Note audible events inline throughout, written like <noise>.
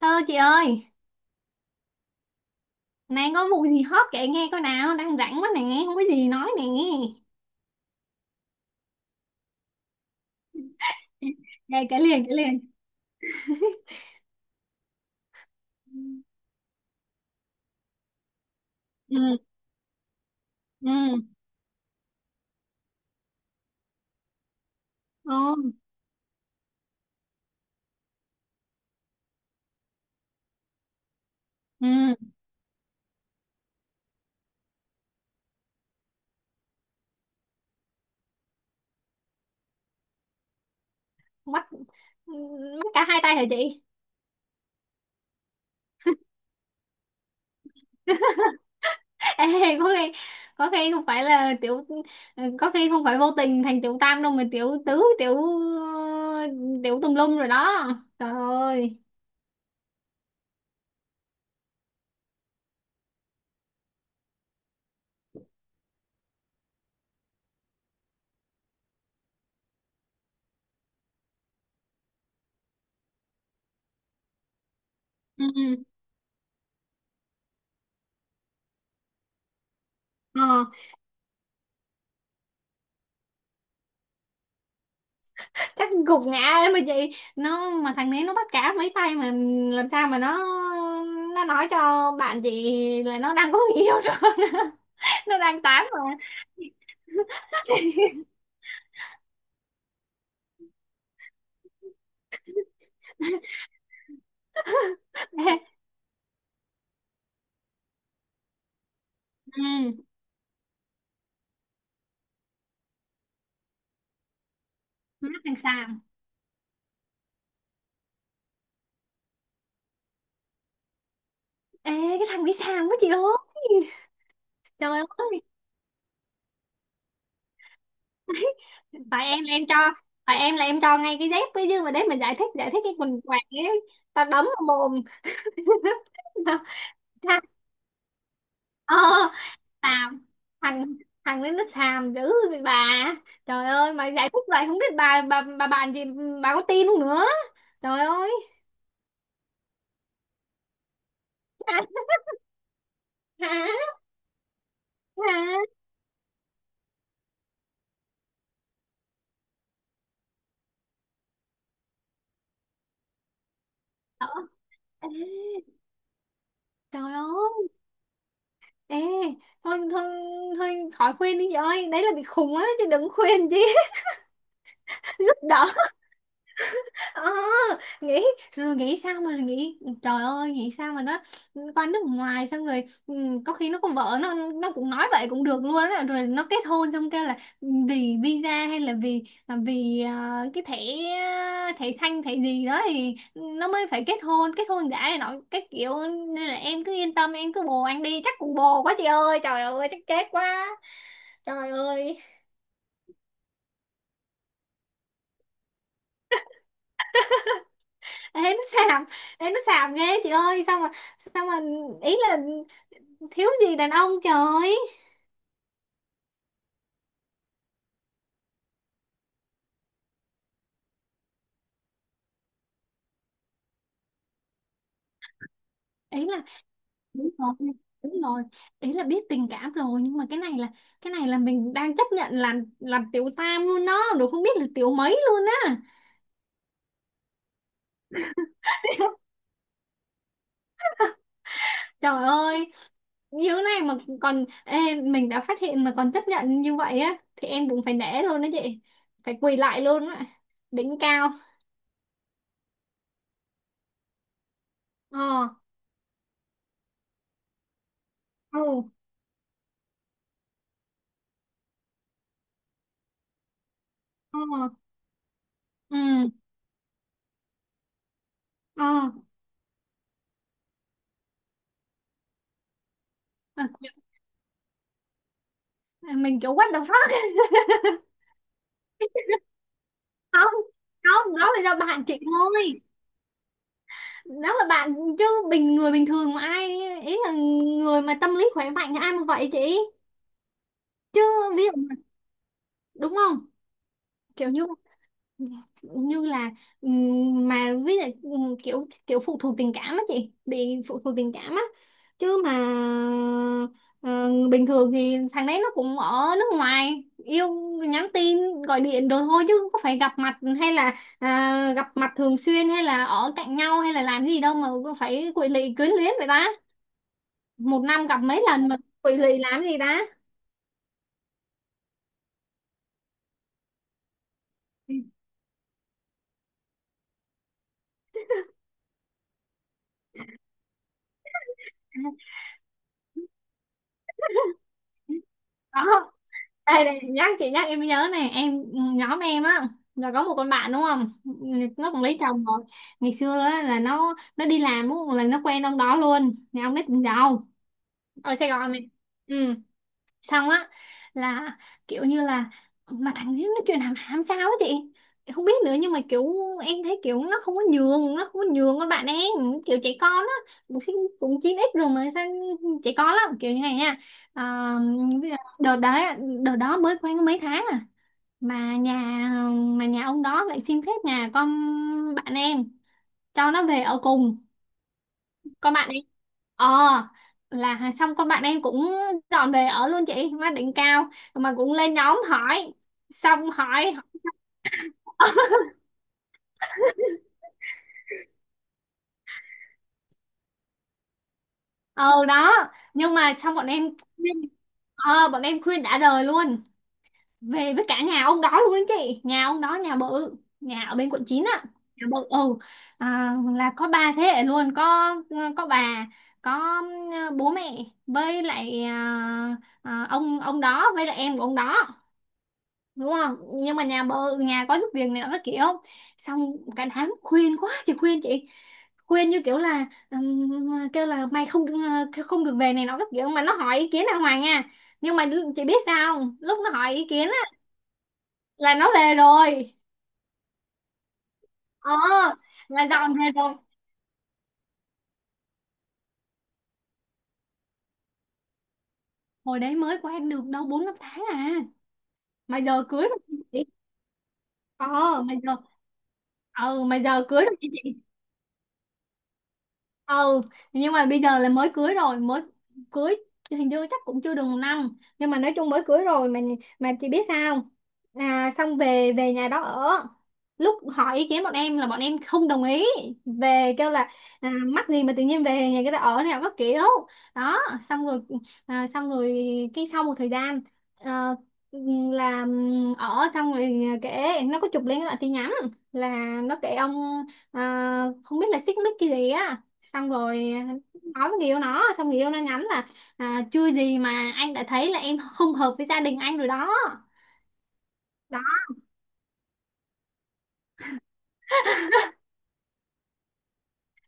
Hello chị ơi, nay có vụ gì hot kể nghe coi nào, đang rảnh quá nè, không có gì nói nè. Kể kể liền, kể liền. Ừ, ừ, ừ, ừ, bắt, bắt cả hai tay hả chị? <laughs> Ê, có khi, có khi không phải là tiểu, có khi không phải vô tình thành tiểu tam đâu mà tiểu tứ, ờ, tiểu tùm lum rồi đó. Trời ơi. Ừ, ừ. Ờ. Chắc gục ngã ấy mà chị, nó mà thằng đấy nó bắt cá mấy tay mà làm sao mà nó nói cho bạn chị là nó đang có người yêu rồi. <laughs> Nó đang tán mà. <laughs> Ê, ừ, mắt thằng Sàng. Ê, cái thằng đi Sàng quá chị ơi. Trời ơi. <laughs> tại em là em cho tại em là em cho ngay cái dép với, chứ mà đấy mình giải thích cái quần quạt ấy tao đấm vào mồm. <laughs> Ờ. Sao? Thằng thằng đấy nó xàm dữ vậy bà. Trời ơi mà giải thích vậy không biết bà bàn gì, bà có tin không nữa. Trời ơi. Hả? Hả? Hả? Ê. Trời ơi. Ê, thôi thôi thôi khỏi khuyên đi chị ơi. Đấy là bị khùng á chứ đừng khuyên chứ. <laughs> Giúp đỡ. ờ nghĩ Rồi nghĩ sao mà nghĩ, trời ơi, nghĩ sao mà nó qua nước ngoài xong rồi có khi nó có vợ, nó cũng nói vậy cũng được luôn á, rồi nó kết hôn xong kêu là vì visa hay là cái thẻ thẻ xanh, thẻ gì đó thì nó mới phải kết hôn giả này nọ cái kiểu. Nên là em cứ yên tâm, em cứ bồ anh đi, chắc cũng bồ quá chị ơi, trời ơi, chắc chết quá. Trời ơi. ế nó xàm ế nó xàm ghê chị ơi, sao mà ý là thiếu gì đàn ông trời. Ý là đúng rồi, đúng rồi, ý là biết tình cảm rồi nhưng mà cái này là, mình đang chấp nhận là làm tiểu tam luôn đó, rồi không biết là tiểu mấy luôn á. <laughs> Trời ơi, như thế này mà còn, ê, mình đã phát hiện mà còn chấp nhận như vậy á thì em cũng phải nể luôn đó chị, phải quỳ lại luôn á, đỉnh cao. Ờ. Ừ. Ờ. Ừ. Ờ. À, mình kiểu what the fuck. Không, không, đó là do bạn chị thôi, đó là bạn chứ, người bình thường mà ai, ý là người mà tâm lý khỏe mạnh thì ai mà vậy chị, chứ ví dụ đúng không, kiểu như như là, mà ví dụ, kiểu kiểu phụ thuộc tình cảm á chị, bị phụ thuộc tình cảm á, chứ mà ờ, bình thường thì thằng đấy nó cũng ở nước ngoài yêu, nhắn tin gọi điện đồ thôi chứ không có phải gặp mặt hay là, gặp mặt thường xuyên hay là ở cạnh nhau hay là làm gì đâu mà phải quỵ lị quyến luyến vậy ta, một năm gặp mấy lần mà, quỵ lụy làm gì ta. Đó, đây này, nhắc chị nhắc em mới nhớ này em. Nhóm em á là có một con bạn đúng không, nó cũng lấy chồng rồi. Ngày xưa á, là nó đi làm đúng không? Là nó quen ông đó luôn, nhà ông ấy cũng giàu, ở Sài Gòn này. Ừ. Xong á là kiểu như là, mà thằng ấy nó truyền hàm hàm sao á chị, em không biết nữa, nhưng mà kiểu em thấy kiểu nó không có nhường con bạn em, kiểu trẻ con á, cũng cũng 9x rồi mà sao trẻ con lắm kiểu như này nha. à, Bây giờ đợt đó mới quen có mấy tháng à, mà nhà mà nhà ông đó lại xin phép nhà con bạn em cho nó về ở cùng con bạn em. ờ là xong con bạn em cũng dọn về ở luôn chị, má, đỉnh cao, mà cũng lên nhóm hỏi, xong hỏi. <laughs> Ờ đó, nhưng mà xong khuyên bọn em khuyên đã đời luôn, về với cả nhà ông đó luôn đó chị. Nhà ông đó nhà bự, nhà ở bên quận 9 á, nhà bự. Là có ba thế hệ luôn, có bà, có bố mẹ với lại, ông đó với lại em của ông đó đúng không, nhưng mà nhà có giúp việc này nó các kiểu. Xong cả đám khuyên quá chị, khuyên chị, khuyên như kiểu là, kêu là mày không được về này nó các kiểu, mà nó hỏi ý kiến là Hoàng nha. Nhưng mà chị biết sao không? Lúc nó hỏi ý kiến á là nó về rồi, ờ là dọn về rồi. Hồi đấy mới quen được đâu bốn năm tháng à, mà giờ cưới rồi chị. ờ mà giờ mà giờ cưới rồi. Ừ, nhưng mà bây giờ là mới cưới rồi, mới cưới hình như chắc cũng chưa được một năm, nhưng mà nói chung mới cưới rồi mà. Mà chị biết sao không? Xong về về nhà đó ở, lúc hỏi ý kiến bọn em là bọn em không đồng ý, về kêu là, mắc gì mà tự nhiên về nhà người ta ở nào có kiểu. Đó, xong rồi, à, xong rồi cái sau một thời gian, ờ, là ở xong rồi kể, nó có chụp lên cái đoạn tin nhắn, là nó kể ông, không biết là xích mích cái gì á, xong rồi, nói với người yêu nó, xong người yêu nó nhắn là, chưa gì mà anh đã thấy là em không hợp với gia đình anh rồi đó. Đó,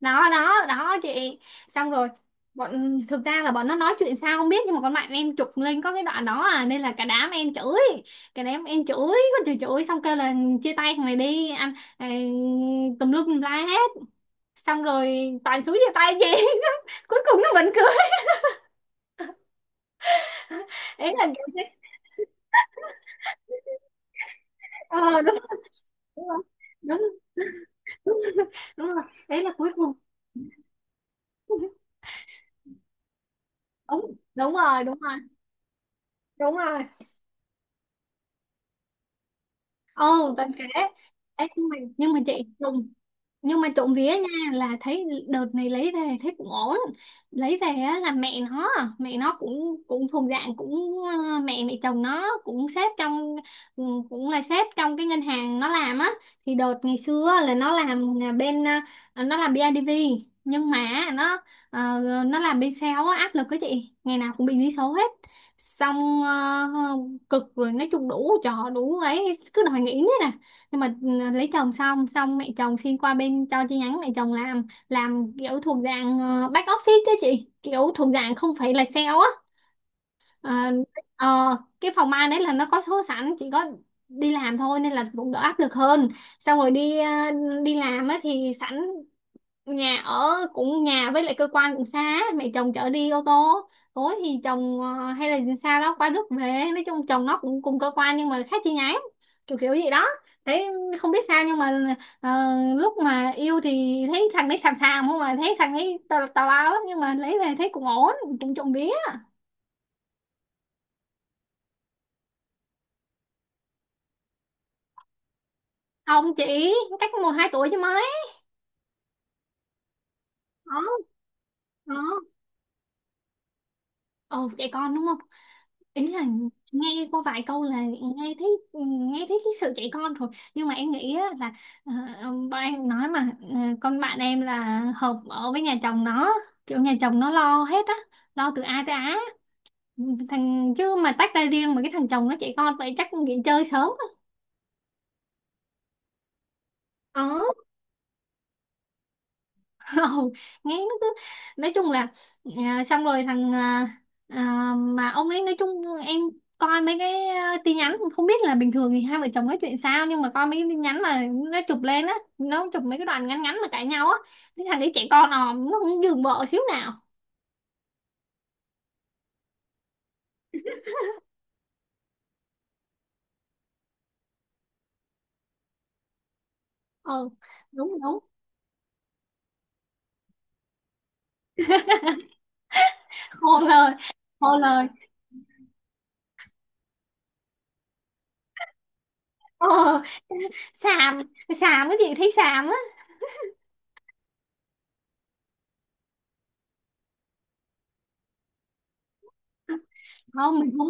đó, đó, đó, chị. Xong rồi, thực ra là bọn nó nói chuyện sao không biết, nhưng mà con bạn em chụp lên có cái đoạn đó à, nên là cả đám em chửi con, chửi, chửi, xong kêu là chia tay thằng này đi anh, tùm lum tùm la hết, xong rồi toàn xuống chia tay chị. <laughs> Cuối cùng nó vẫn cười. Ấy là kiểu thế. Ờ đúng, đúng rồi. Đúng, đúng, đúng rồi, đấy là cuối cùng. Đúng, đúng rồi, đúng rồi, đúng rồi. Ừ tình kể. Ê, dùng nhưng mà trộm vía nha, là thấy đợt này lấy về thấy cũng ổn. Lấy về á là mẹ nó, cũng cũng thuộc dạng, cũng mẹ mẹ chồng nó cũng sếp trong, ừ, cũng là sếp trong cái ngân hàng nó làm á. Thì đợt ngày xưa á, là nó làm là bên ờ, nó làm bidv, nhưng mà ờ, nó làm bên sale á, áp lực cái chị, ngày nào cũng bị dí số hết, xong cực rồi, nói chung đủ trò đủ ấy, cứ đòi nghỉ hết à, nhưng mà, lấy chồng xong, mẹ chồng xin qua bên cho chi nhánh mẹ chồng làm kiểu thuộc dạng back office đấy chị, kiểu thuộc dạng không phải là sale á. Ờ, ờ, cái phòng ban đấy là nó có số sẵn, chỉ có đi làm thôi nên là cũng đỡ áp lực hơn. Xong rồi đi, đi làm á thì sẵn nhà ở cũng, nhà với lại cơ quan cũng xa á, mẹ chồng chở đi ô tô, tối thì chồng, hay là xa đó qua Đức về. Nói chung chồng nó cũng cùng cơ quan nhưng mà khác chi nhánh, kiểu kiểu gì đó. Thấy không biết sao, nhưng mà ờ, lúc mà yêu thì thấy thằng đấy xàm xàm không, mà thấy thằng ấy tào tào lao lắm, nhưng mà lấy về thấy cũng ổn, cũng trộm vía. Ông chị, cách một hai tuổi chứ mấy. Đó, đó, ồ trẻ con đúng không. Ý là nghe qua vài câu là nghe thấy cái sự trẻ con rồi. Nhưng mà em nghĩ á, là ờ, bọn em nói mà, con bạn em là hợp ở với nhà chồng nó, kiểu nhà chồng nó lo hết á, lo từ A tới Á. Chứ mà tách ra riêng mà cái thằng chồng nó trẻ con vậy chắc nghỉ chơi sớm á. Ờ. <laughs> Không, nghe nó cứ, nói chung là, xong rồi thằng, mà ông ấy nói chung em coi mấy cái, tin nhắn không biết là bình thường thì hai vợ chồng nói chuyện sao, nhưng mà coi mấy cái tin nhắn mà nó chụp lên á, nó chụp mấy cái đoạn ngắn ngắn mà cãi nhau á, cái thằng ấy trẻ con òm, nó không nhường vợ xíu nào. Ờ đúng, đúng. Khô lời, khô lời. Ờ, xàm, xàm, cái chị thấy xàm á. Không, mình không.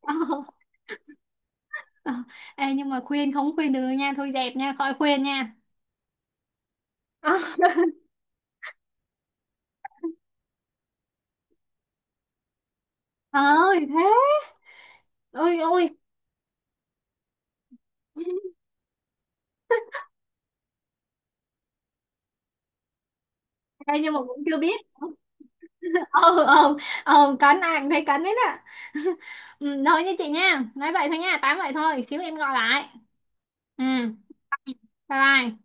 ờ, ờ. Ê, nhưng mà khuyên không khuyên được đâu nha, thôi dẹp nha, khỏi khuyên nha. Ờ, ờ, thì thế, ôi ôi. <laughs> Ê, nhưng mà cũng chưa biết. <laughs> Ờ, ờ, ờ, cắn ai cũng thấy cắn đấy ạ. <laughs> Ừ, thôi nha chị nha, nói vậy thôi nha, tám vậy thôi, xíu em gọi lại. Ừ. Bye bye.